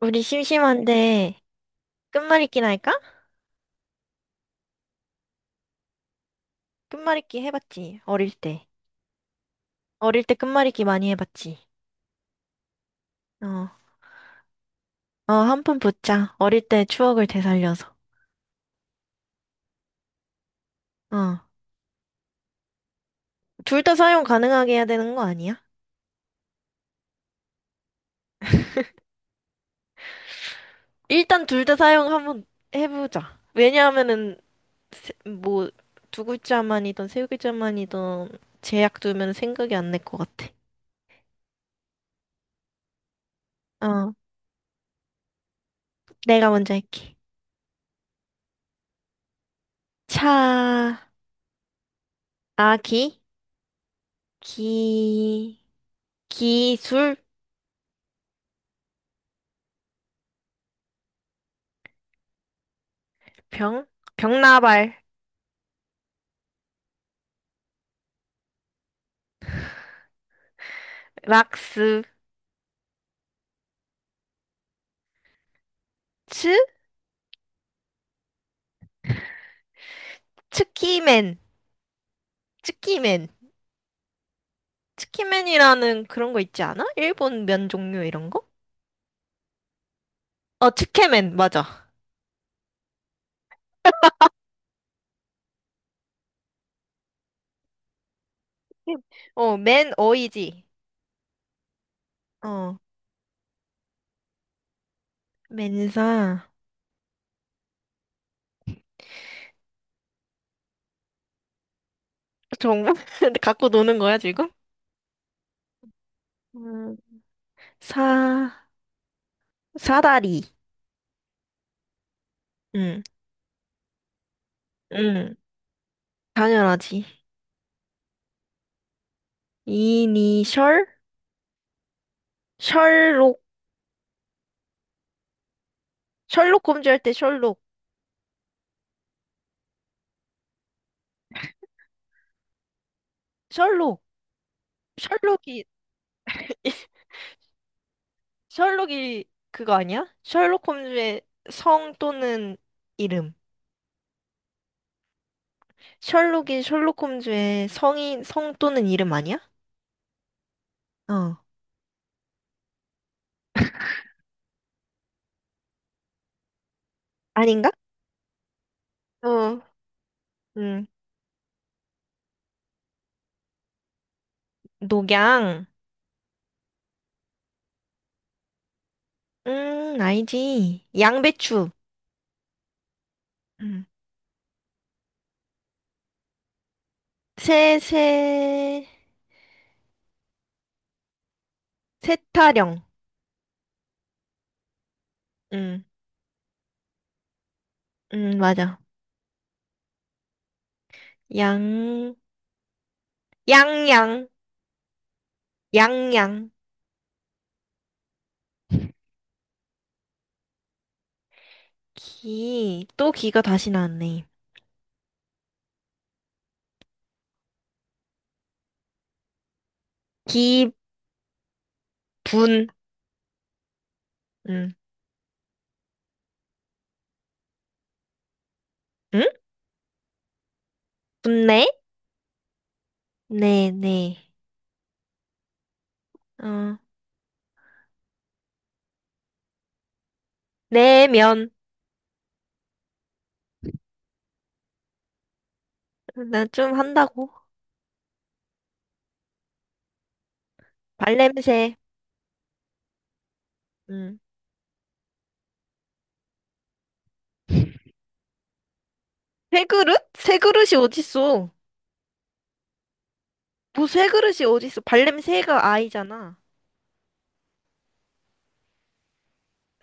우리 심심한데 끝말잇기나 할까? 끝말잇기 해봤지, 어릴 때. 어릴 때 끝말잇기 많이 해봤지. 어, 어, 한 푼 붙자. 어릴 때 추억을 되살려서. 어, 둘 다 사용 가능하게 해야 되는 거 아니야? 일단 둘 다 사용 한번 해보자. 왜냐하면은, 뭐, 두 글자만이든 세 글자만이든 제약 두면 생각이 안 날 것 같아. 어, 내가 먼저 할게. 차, 아기, 기, 기술, 병? 병나발, 락스, 츠? 츠키맨, 츠키맨. 츠키맨이라는 그런 거 있지 않아? 일본 면 종류 이런 거? 어, 츠케맨, 맞아. 어, 맨 어이지. 어, 맨사. 정말? 갖고 노는 거야, 지금? 음, 사, 사다리. 응, 응, 당연하지. 이니셜? 셜록. 셜록 검주할 때 셜록. 셜록. 셜록이 셜록이 그거 아니야? 셜록 홈즈의 성 또는 이름. 셜록이 셜록 홈즈의 성인 성 또는 이름 아니야? 어. 아닌가? 어. 음. 녹양. 알지. 양배추. 음. 새, 새, 새타령. 음. 맞아. 양, 양양, 양양. 기, 또 기가 다시 나왔네. 기분. 음. 응? 응? 분내? 네, 네. 어, 내면. 나 좀 한다고. 발냄새. 응. 새 그릇? 새 그릇이 어딨어? 뭐새 그릇이 어딨어? 발냄새가 아이잖아.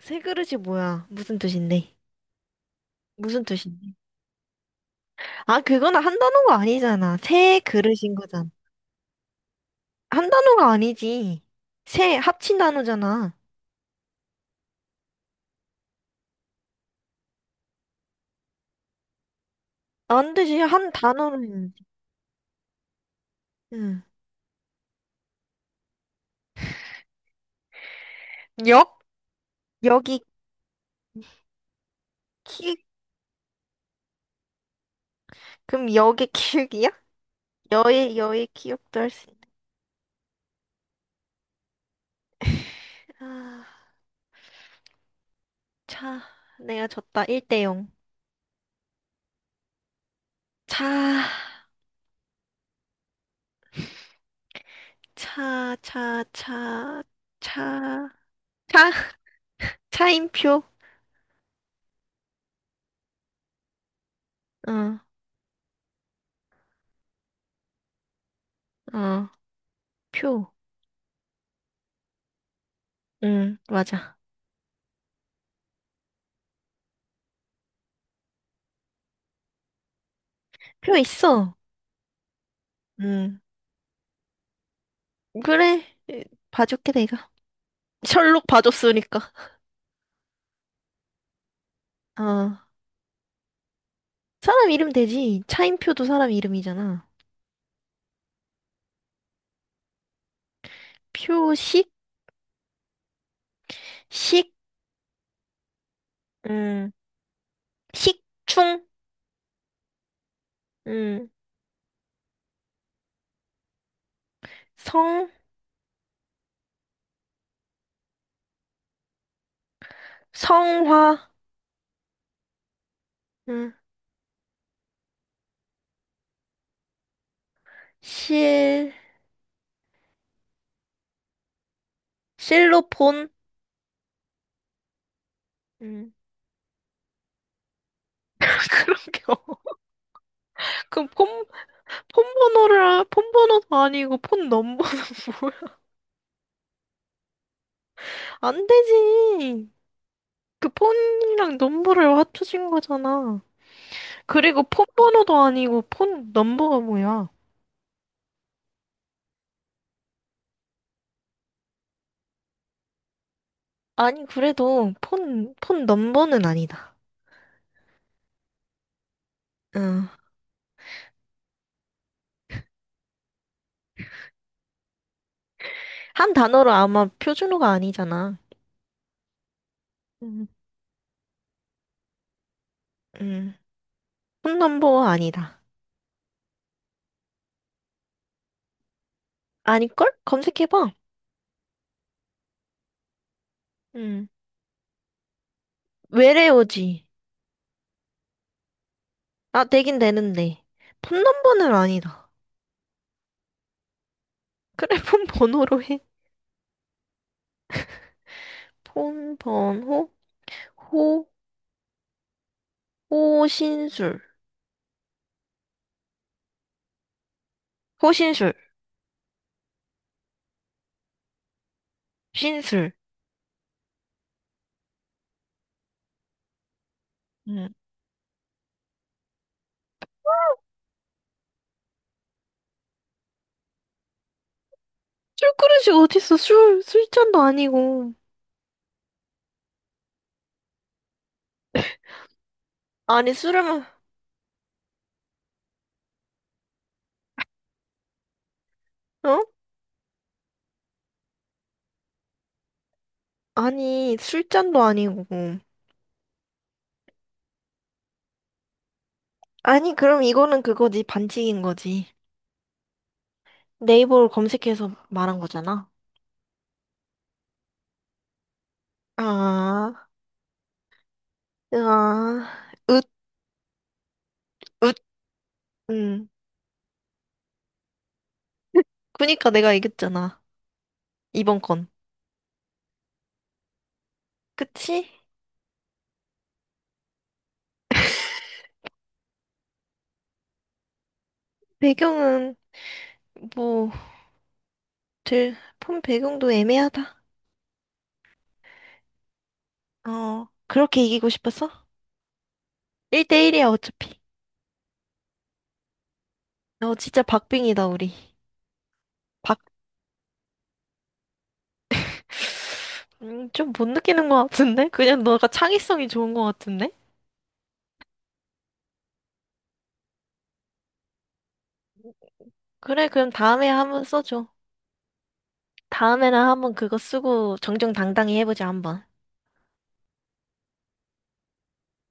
새 그릇이 뭐야? 무슨 뜻인데? 무슨 뜻인데? 아, 그건 한 단어가 아니잖아. 새 그릇인 거잖아. 한 단어가 아니지. 새 합친 단어잖아. 안 되지. 한 단어로 해야지. 응. 역? 여기 키 그럼 역의 키읔이야? 여의 여의 키읔도 할 수 있네. 아. 차, 내가 졌다. 1대 0. 차, 차, 차, 차, 차, 차, 차인표. 응, 어, 어, 표. 응, 맞아. 표 있어. 응, 그래. 봐줄게, 내가. 셜록 봐줬으니까. 어, 사람 이름 되지. 차인표도 사람 이름이잖아. 표식, 식, 음, 식충, 음, 성, 성화, 음, 실, 실로폰. 음. 그런 게 없. 그럼 폰, 폰 번호를, 폰 번호도 아니고 폰 넘버는 뭘? 안 되지. 그 폰이랑 넘버를 맞춰준 거잖아. 그리고 폰 번호도 아니고 폰 넘버가 뭐야? 아니, 그래도 폰, 폰 넘버는 아니다. 응. 한 단어로 아마 표준어가 아니잖아. 응. 응. 폰 넘버가 아니다. 아닐걸? 검색해봐. 응. 외래어지. 아, 되긴 되는데. 폰 넘버는 아니다. 그래, 폰 번호로 해. 폰 번호, 호, 호신술. 호신술, 신술. 응. 술그릇이 어딨어, 술. 술잔도 아니고. 아니, 술을, 마- 어? 아니, 술잔도 아니고. 아니, 그럼 이거는 그거지, 반칙인 거지. 네이버를 검색해서 말한 거잖아. 아, 아, 읒, 읒, 응. 그니까 내가 이겼잖아. 이번 건. 그치? 배경은, 뭐, 들, 폰 배경도 애매하다. 어, 그렇게 이기고 싶었어? 1대1이야, 어차피. 어, 진짜 박빙이다, 우리. 박, 좀 못 느끼는 것 같은데? 그냥 너가 창의성이 좋은 것 같은데? 그래, 그럼 다음에 한번 써줘. 다음에는 한번 그거 쓰고 정정당당히 해보자, 한번.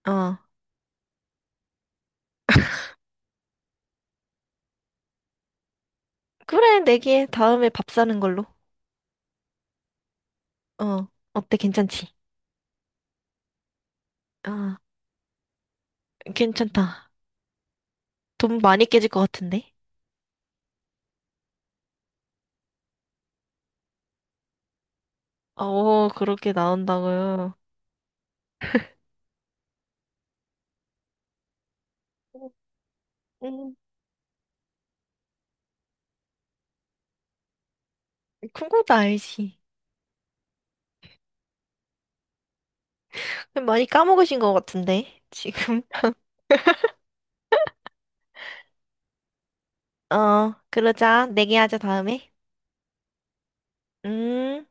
어, 그래, 내기해. 다음에 밥 사는 걸로. 어, 어때, 괜찮지? 어, 괜찮다. 돈 많이 깨질 것 같은데? 어, 그렇게 나온다고요. 응. 그도 알지. 좀 많이 까먹으신 것 같은데, 지금. 어, 그러자. 내기하자, 다음에. 음.